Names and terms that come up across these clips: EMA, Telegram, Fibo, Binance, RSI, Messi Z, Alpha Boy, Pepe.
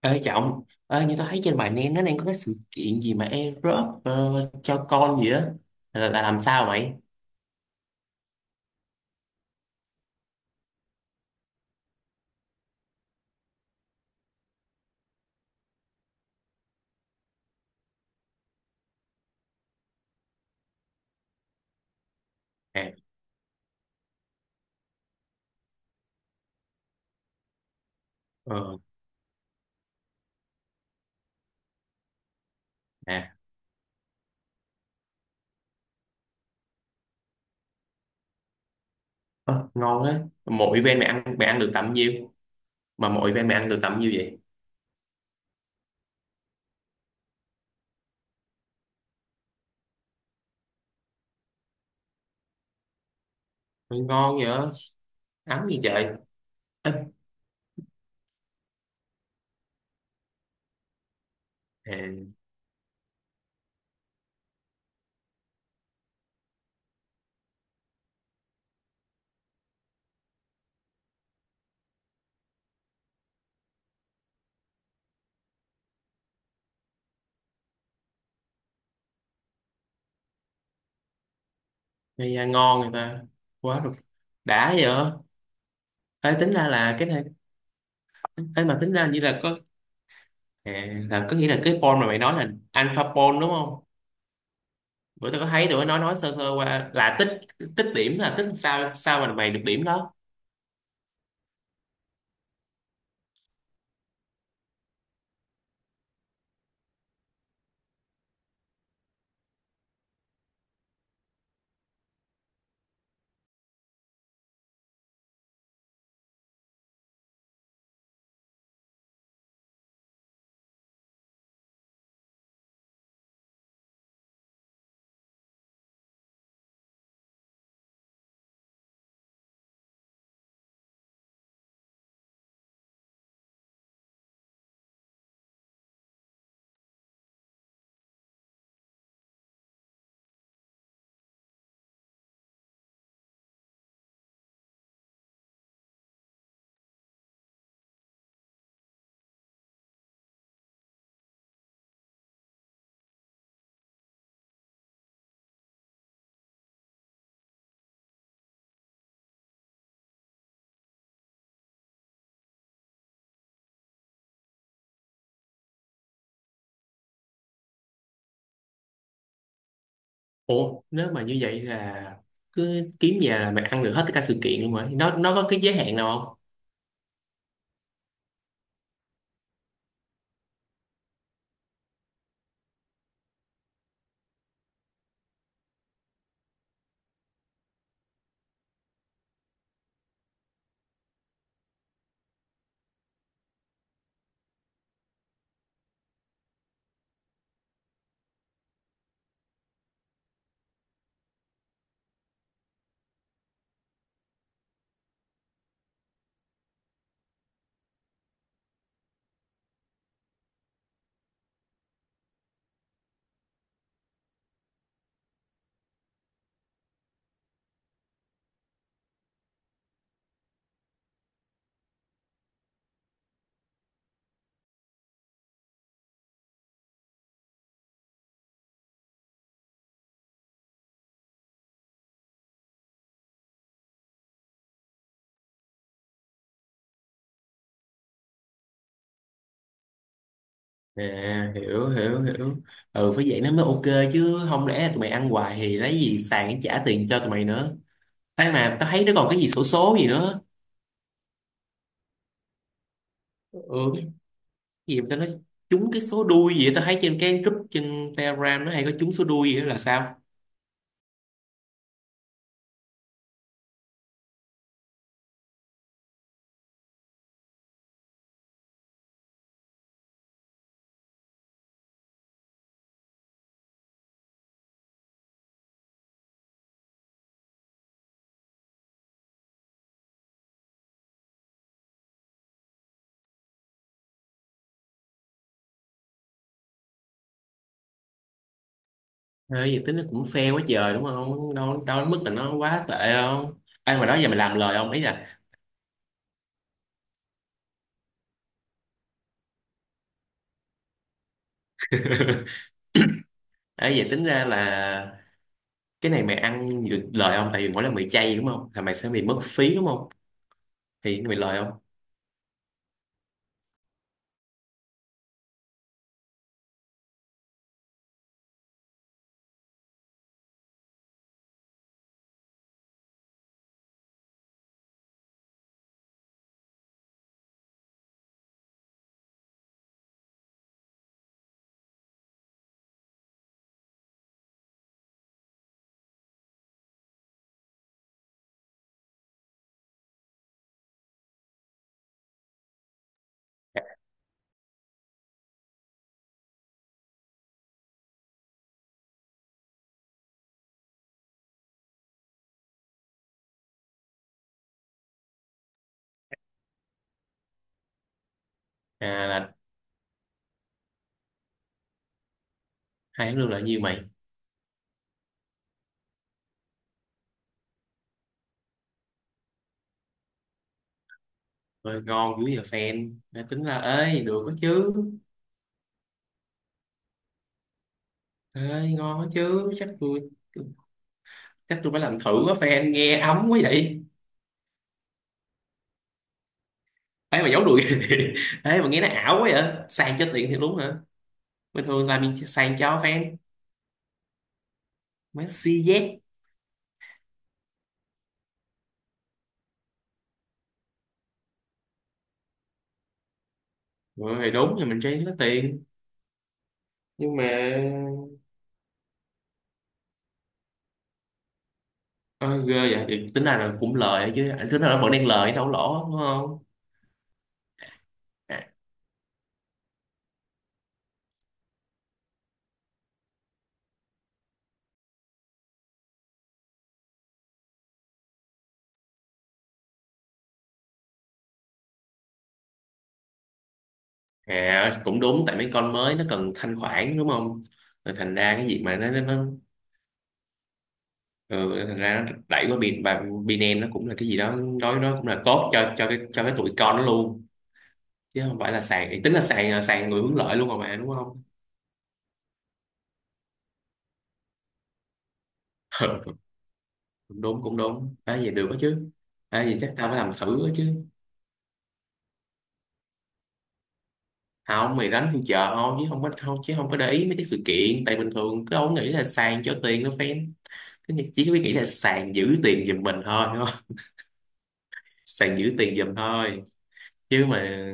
Ê Trọng, như tôi thấy trên bài nén nó đang có cái sự kiện gì mà Europe cho con gì á là làm sao mày? À. Ờ. À. Ờ. Ngon á. Mỗi event mày ăn được tầm nhiêu? Mà mỗi event mày ăn được tầm nhiêu vậy? Mày ngon vậy á? Ấm gì trời? Ê, à, mày à, ngon người ta. Quá rồi. Đã vậy á? Ê, tính ra là cái này, ê, mà tính ra như là có à, là có nghĩa là cái pon mà mày nói là alpha pon đúng không? Bữa tao có thấy tụi nó nói sơ sơ qua là tích tích điểm là tích sao sao mà mày được điểm đó. Ủa nếu mà như vậy là cứ kiếm nhà là mày ăn được hết tất cả sự kiện luôn rồi, nó có cái giới hạn nào không? À, hiểu hiểu hiểu. Ừ, phải vậy nó mới ok chứ không lẽ là tụi mày ăn hoài thì lấy gì sàn để trả tiền cho tụi mày nữa. Thế mà tao thấy nó còn cái gì xổ số gì nữa. Ừ. Cái gì mà tao nói trúng cái số đuôi gì á, tao thấy trên cái group trên Telegram nó hay có trúng số đuôi gì đó là sao. Ê, vậy tính nó cũng fair quá trời đúng không? Đâu đâu đến mức là nó quá tệ không? Ai mà đó giờ mày làm lời không ấy là. Ấy vậy tính ra là cái này mày ăn được lời không? Tại vì mỗi lần mày chay đúng không? Là mày sẽ bị mất phí đúng không? Thì mày lời không? À là hai tháng lương là nhiêu mày? Ơi ngon dữ giờ fan. Đã tính ra ơi được đó chứ. Ơi ngon đó chứ. Chắc tôi phải làm thử quá fan nghe ấm quá vậy. Ấy mà giấu đùi. Ấy mà nghe nó ảo quá vậy. Sang cho tiền thì đúng hả? Bình thường làm gì sang cho fan. Messi Z. Mọi người đúng thì mình chơi có tiền nhưng mà ờ, ghê vậy thì tính ra là cũng lời chứ, tính ra là vẫn đang lời đâu có lỗ đúng không? À, à, cũng đúng tại mấy con mới nó cần thanh khoản đúng không? Rồi thành ra cái gì mà nó. Ừ, thành ra nó đẩy qua bên và Binance nó cũng là cái gì đó, nói nó cũng là tốt cho cái tụi con nó luôn, chứ không phải là sàn. Thì tính là sàn người hướng lợi luôn rồi mà đúng không? Ừ, cũng đúng à, vậy được đó chứ. À, vậy chắc tao phải làm thử đó chứ. Không mày đánh thì chợ thôi chứ không có để ý mấy cái sự kiện, tại bình thường cứ ông nghĩ là sàn cho tiền nó fan. Chỉ có biết nghĩ là sàn giữ tiền giùm mình thôi đúng không? Sàn giữ tiền giùm thôi. Chứ mà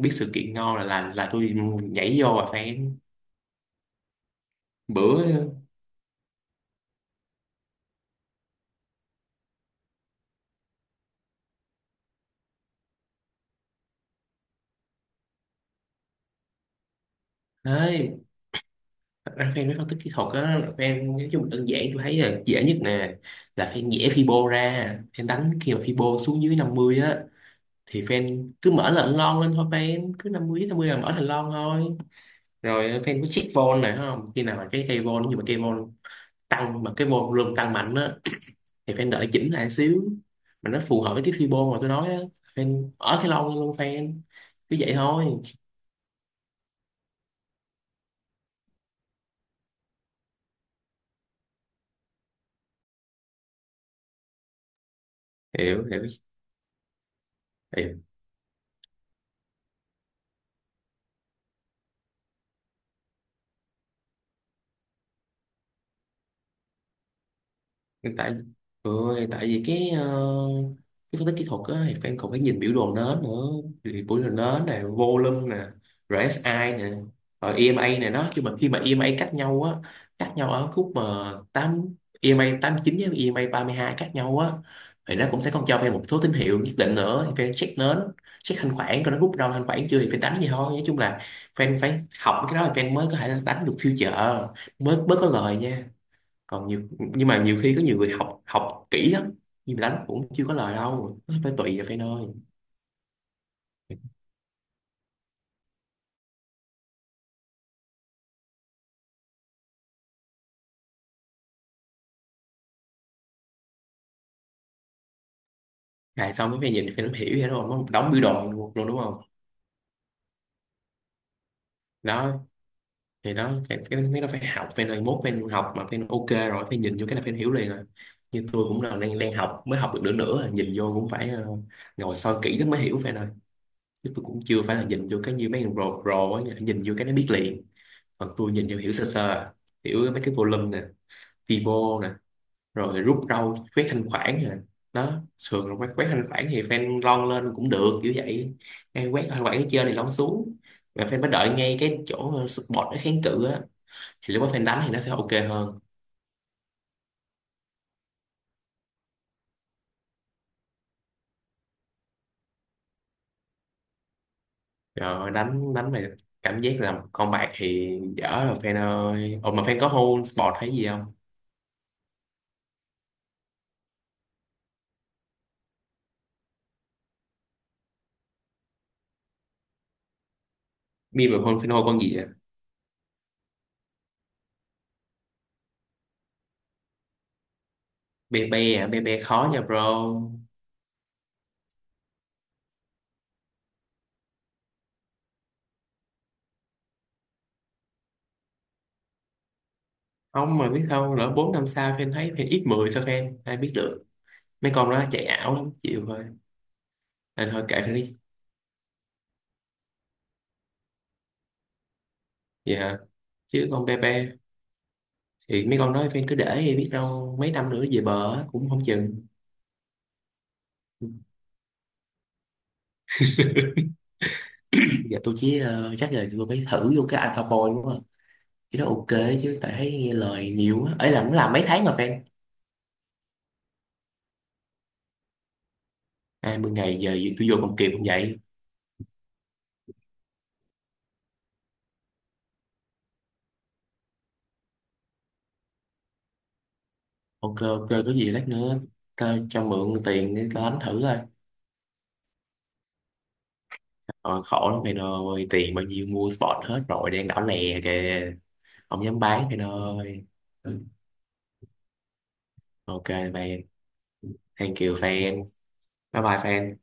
biết sự kiện ngon là tôi nhảy vô à fan. Bữa ấy thật ra fan mới phân tích kỹ thuật á, fan nói chung đơn giản tôi thấy là dễ nhất nè. Là fan nhẽ Fibo ra fan đánh khi mà Fibo xuống dưới 50 á thì fan cứ mở lệnh lon lên thôi, fan cứ 50 đến 50 là mở thành lon thôi. Rồi fan có check vol này không, khi nào mà cái cây vol, nhưng mà cây vol tăng mà cái vol room tăng mạnh á thì fan đợi chỉnh lại xíu, mà nó phù hợp với cái fibo mà tôi nói á, fan ở cái lon luôn fan. Cứ vậy thôi. Hiểu hiểu. Hiện tại ừ, thì tại vì cái cái phân tích kỹ thuật á thì fan còn phải nhìn biểu đồ nến nữa. Thì biểu đồ nến nè, volume nè, RSI nè, rồi EMA này, nó khi mà EMA cách nhau á, cách nhau ở khúc mà 8 EMA 9 với EMA 2 cách nhau á, thì nó cũng sẽ còn cho fan một số tín hiệu nhất định nữa thì fan check nến, check thanh khoản coi nó rút đâu thanh khoản chưa thì fan đánh gì thôi. Nói chung là fan phải học cái đó là fan mới có thể đánh được future, mới mới có lời nha. Còn nhiều nhưng mà nhiều khi có nhiều người học học kỹ lắm nhưng mà đánh cũng chưa có lời đâu, nó phải tùy vào phe nơi. À, xong cái phe nhìn phe nó hiểu vậy đúng, nó một đống biểu đồ luôn đúng không? Đó, thì đó mấy nó phải học phe nơi mốt phe học mà phe ok rồi phe nhìn vô cái là phe hiểu liền rồi. Như tôi cũng là đang đang học mới học được nửa nửa rồi, nhìn vô cũng phải ngồi soi kỹ lắm mới hiểu phe nơi. Chứ tôi cũng chưa phải là nhìn vô cái như mấy thằng pro pro á nhìn vô cái nó biết liền. Còn tôi nhìn vô hiểu sơ sơ à. Hiểu mấy cái volume nè, vibro, rồi rút rau quét thanh khoản rồi. Đó. Thường là quét quét thanh khoản thì fan lon lên cũng được kiểu vậy. Fan quét thanh khoản ở trên thì lon xuống, và fan phải đợi ngay cái chỗ support nó kháng cự á thì lúc đó fan đánh thì nó sẽ ok hơn. Rồi đánh đánh mà cảm giác là con bạc thì dở rồi fan ơi. Ồ mà fan có hold support hay gì không? Bi mà hold fan hold con gì vậy? Be be à, be be khó nha bro. Không mà biết sao lỡ bốn năm sau fan thấy fan ít 10 sao fan ai biết được, mấy con đó chạy ảo lắm chịu thôi, nên thôi kệ fan đi. Vậy hả? Chứ con Pepe thì mấy con nói phải cứ để đi biết đâu mấy năm nữa về bờ á, cũng không chừng. Giờ tôi chỉ chắc là tôi phải thử vô cái Alpha Boy đúng không? Cái đó ok chứ, tại thấy nghe lời nhiều á. Ấy là cũng làm mấy tháng mà fan. 20 ngày giờ gì tôi vô còn kịp không vậy? Ok ok, có gì lát nữa ta cho mượn tiền để ta đánh thử coi. Rồi khổ lắm mày ơi, tiền bao nhiêu mua spot hết rồi đang đỏ lè kìa. Không dám bán mày ơi. Ừ. Ok mày, thank you fan. Bye bye fan.